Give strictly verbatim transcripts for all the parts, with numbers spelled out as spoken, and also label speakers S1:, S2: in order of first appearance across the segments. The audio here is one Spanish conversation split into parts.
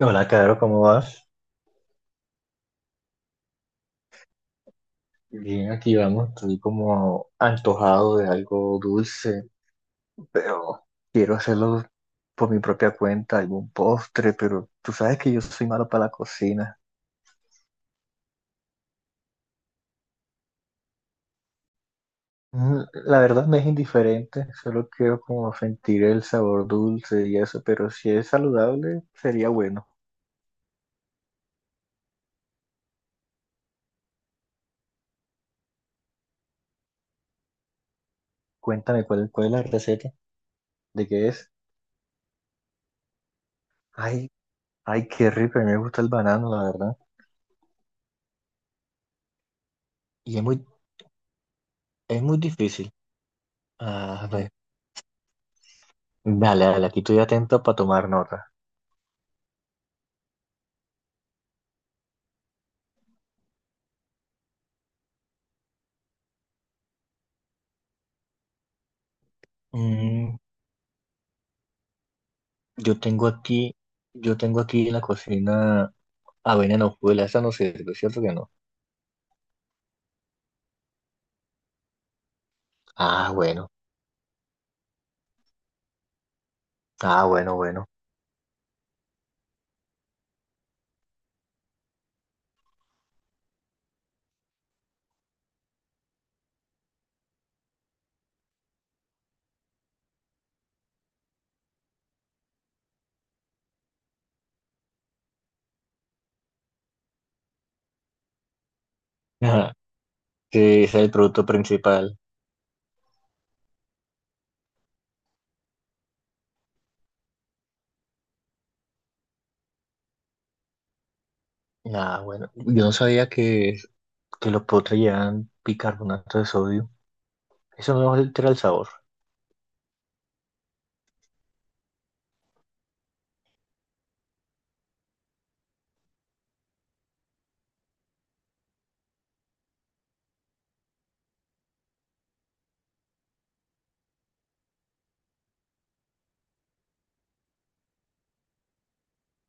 S1: Hola, Caro, ¿cómo vas? Bien, aquí vamos. Estoy como antojado de algo dulce, pero quiero hacerlo por mi propia cuenta, algún postre, pero tú sabes que yo soy malo para la cocina. Mm, La verdad me es indiferente, solo quiero como sentir el sabor dulce y eso, pero si es saludable, sería bueno. Cuéntame cuál, cuál es la receta, de qué es. Ay, ay, qué rico, a mí me gusta el banano, la verdad. Y es muy, es muy difícil. Ah, no. Dale, dale, aquí estoy atento para tomar nota. Mm, yo tengo aquí, yo tengo aquí en la cocina avena en hojuelas, esa no sirve, ¿cierto que no? Ah, bueno, ah, bueno, bueno. Ajá, que ese es el producto principal. Ah, bueno, yo no sabía que, que los potres llevan bicarbonato de sodio. Eso no altera el sabor.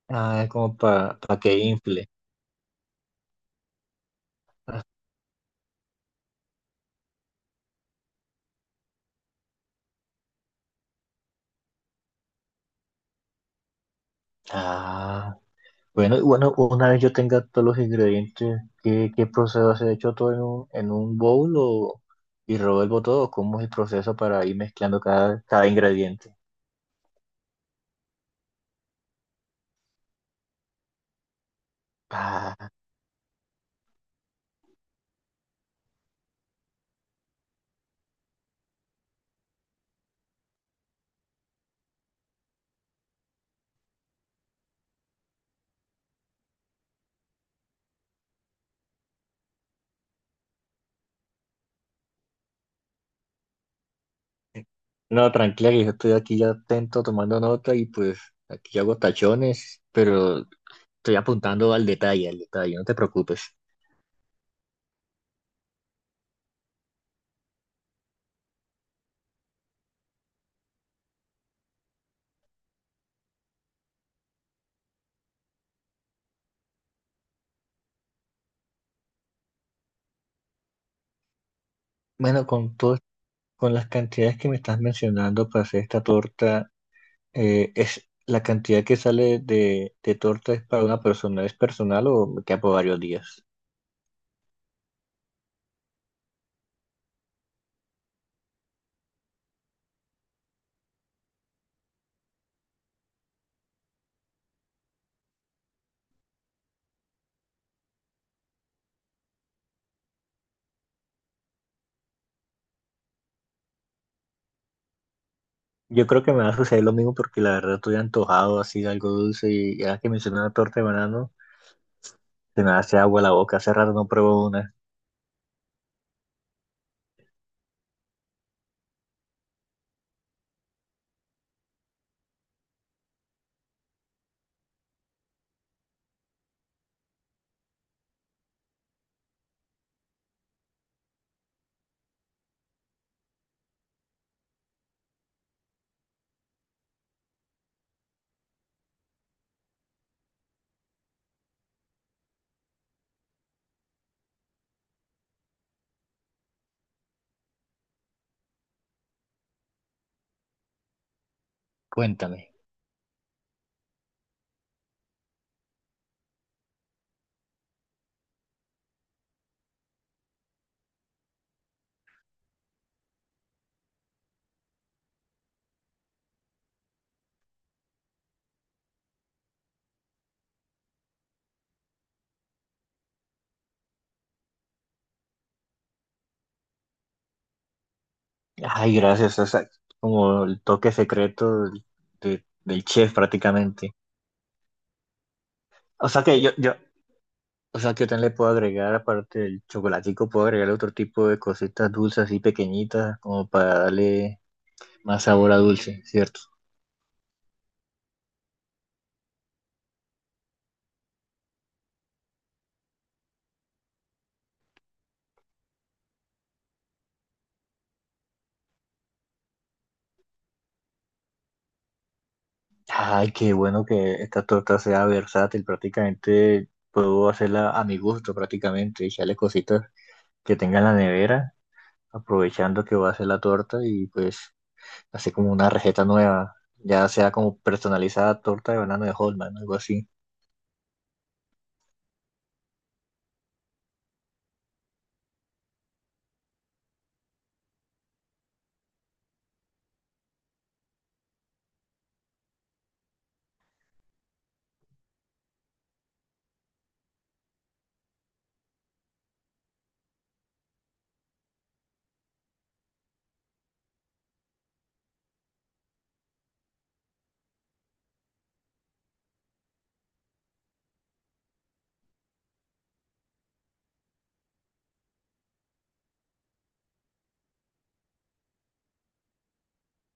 S1: Ah, como para que infle. Ah. Bueno, y bueno, una vez yo tenga todos los ingredientes, ¿qué, qué procedo a hacer? ¿Hecho todo en un, en un bowl o, y revuelvo todo? ¿Cómo es el proceso para ir mezclando cada, cada ingrediente? Ah, no, tranquila, que yo estoy aquí ya atento tomando nota y pues aquí hago tachones, pero estoy apuntando al detalle, al detalle, no te preocupes. Bueno, con todo, con las cantidades que me estás mencionando para hacer esta torta. Eh, es la cantidad que sale de, de torta es para una persona, ¿es personal o me queda por varios días? Yo creo que me va a suceder lo mismo porque la verdad estoy antojado así de algo dulce y ahora que mencioné una torta de banano, se me hace agua la boca, hace rato no pruebo una. Cuéntame. Ay, gracias, o sea, como el toque secreto de- del chef prácticamente. O sea que yo, yo, o sea que yo también le puedo agregar, aparte del chocolatico, puedo agregar otro tipo de cositas dulces así pequeñitas como para darle más sabor a dulce, ¿cierto? Ay, qué bueno que esta torta sea versátil. Prácticamente puedo hacerla a mi gusto, prácticamente. Echarle cositas que tenga en la nevera, aprovechando que voy a hacer la torta y pues hacer como una receta nueva. Ya sea como personalizada torta de banano de Holman, algo así.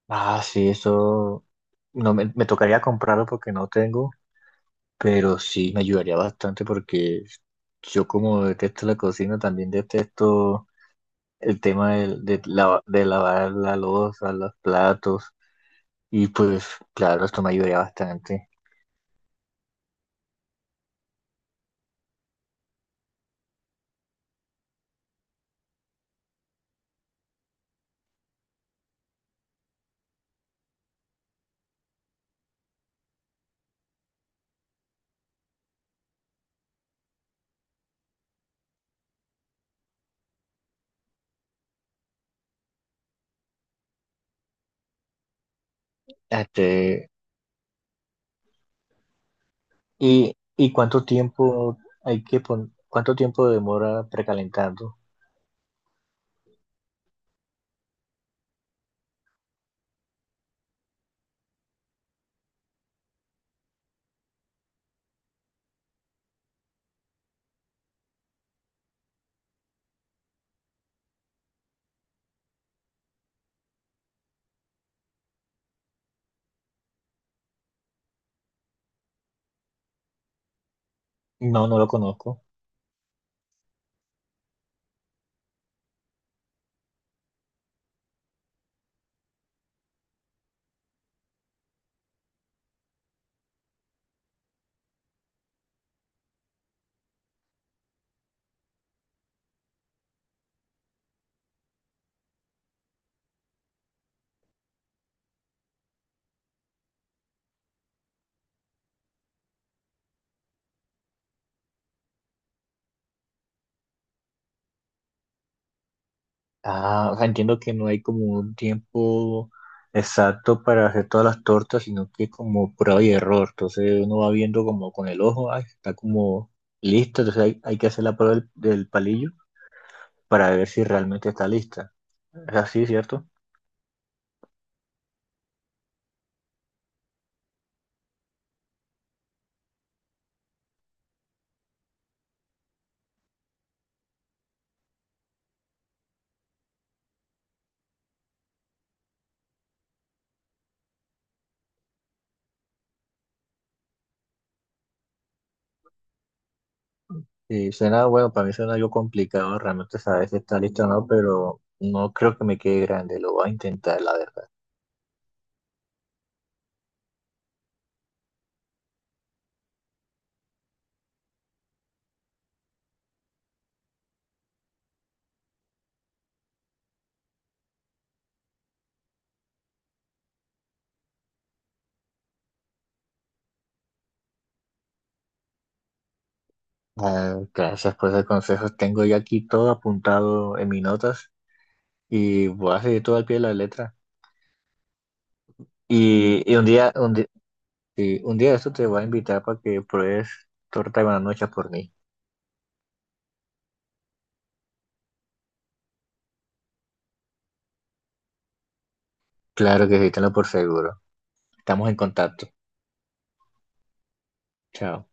S1: Ah, sí, eso no me, me tocaría comprarlo porque no tengo, pero sí me ayudaría bastante porque yo como detesto la cocina, también detesto el tema de, de, lava- de lavar la loza, los platos, y pues claro, esto me ayudaría bastante. Este, y, ¿y cuánto tiempo hay que pon- cuánto tiempo demora precalentando? No, no lo conozco. Ah, o sea, entiendo que no hay como un tiempo exacto para hacer todas las tortas, sino que es como prueba y error. Entonces uno va viendo como con el ojo, ay, está como lista, entonces hay, hay que hacer la prueba del, del palillo para ver si realmente está lista. Es así, ¿cierto? Y suena, bueno, para mí suena algo complicado realmente saber si está lista o no, pero no creo que me quede grande, lo voy a intentar, la verdad. Ah, gracias por esos consejos, tengo ya aquí todo apuntado en mis notas y voy a seguir todo al pie de la letra. Y, y un día, un di- Sí, un día de esto te voy a invitar para que pruebes torta de buenas noches por mí. Claro que sí, tenlo por seguro. Estamos en contacto. Chao.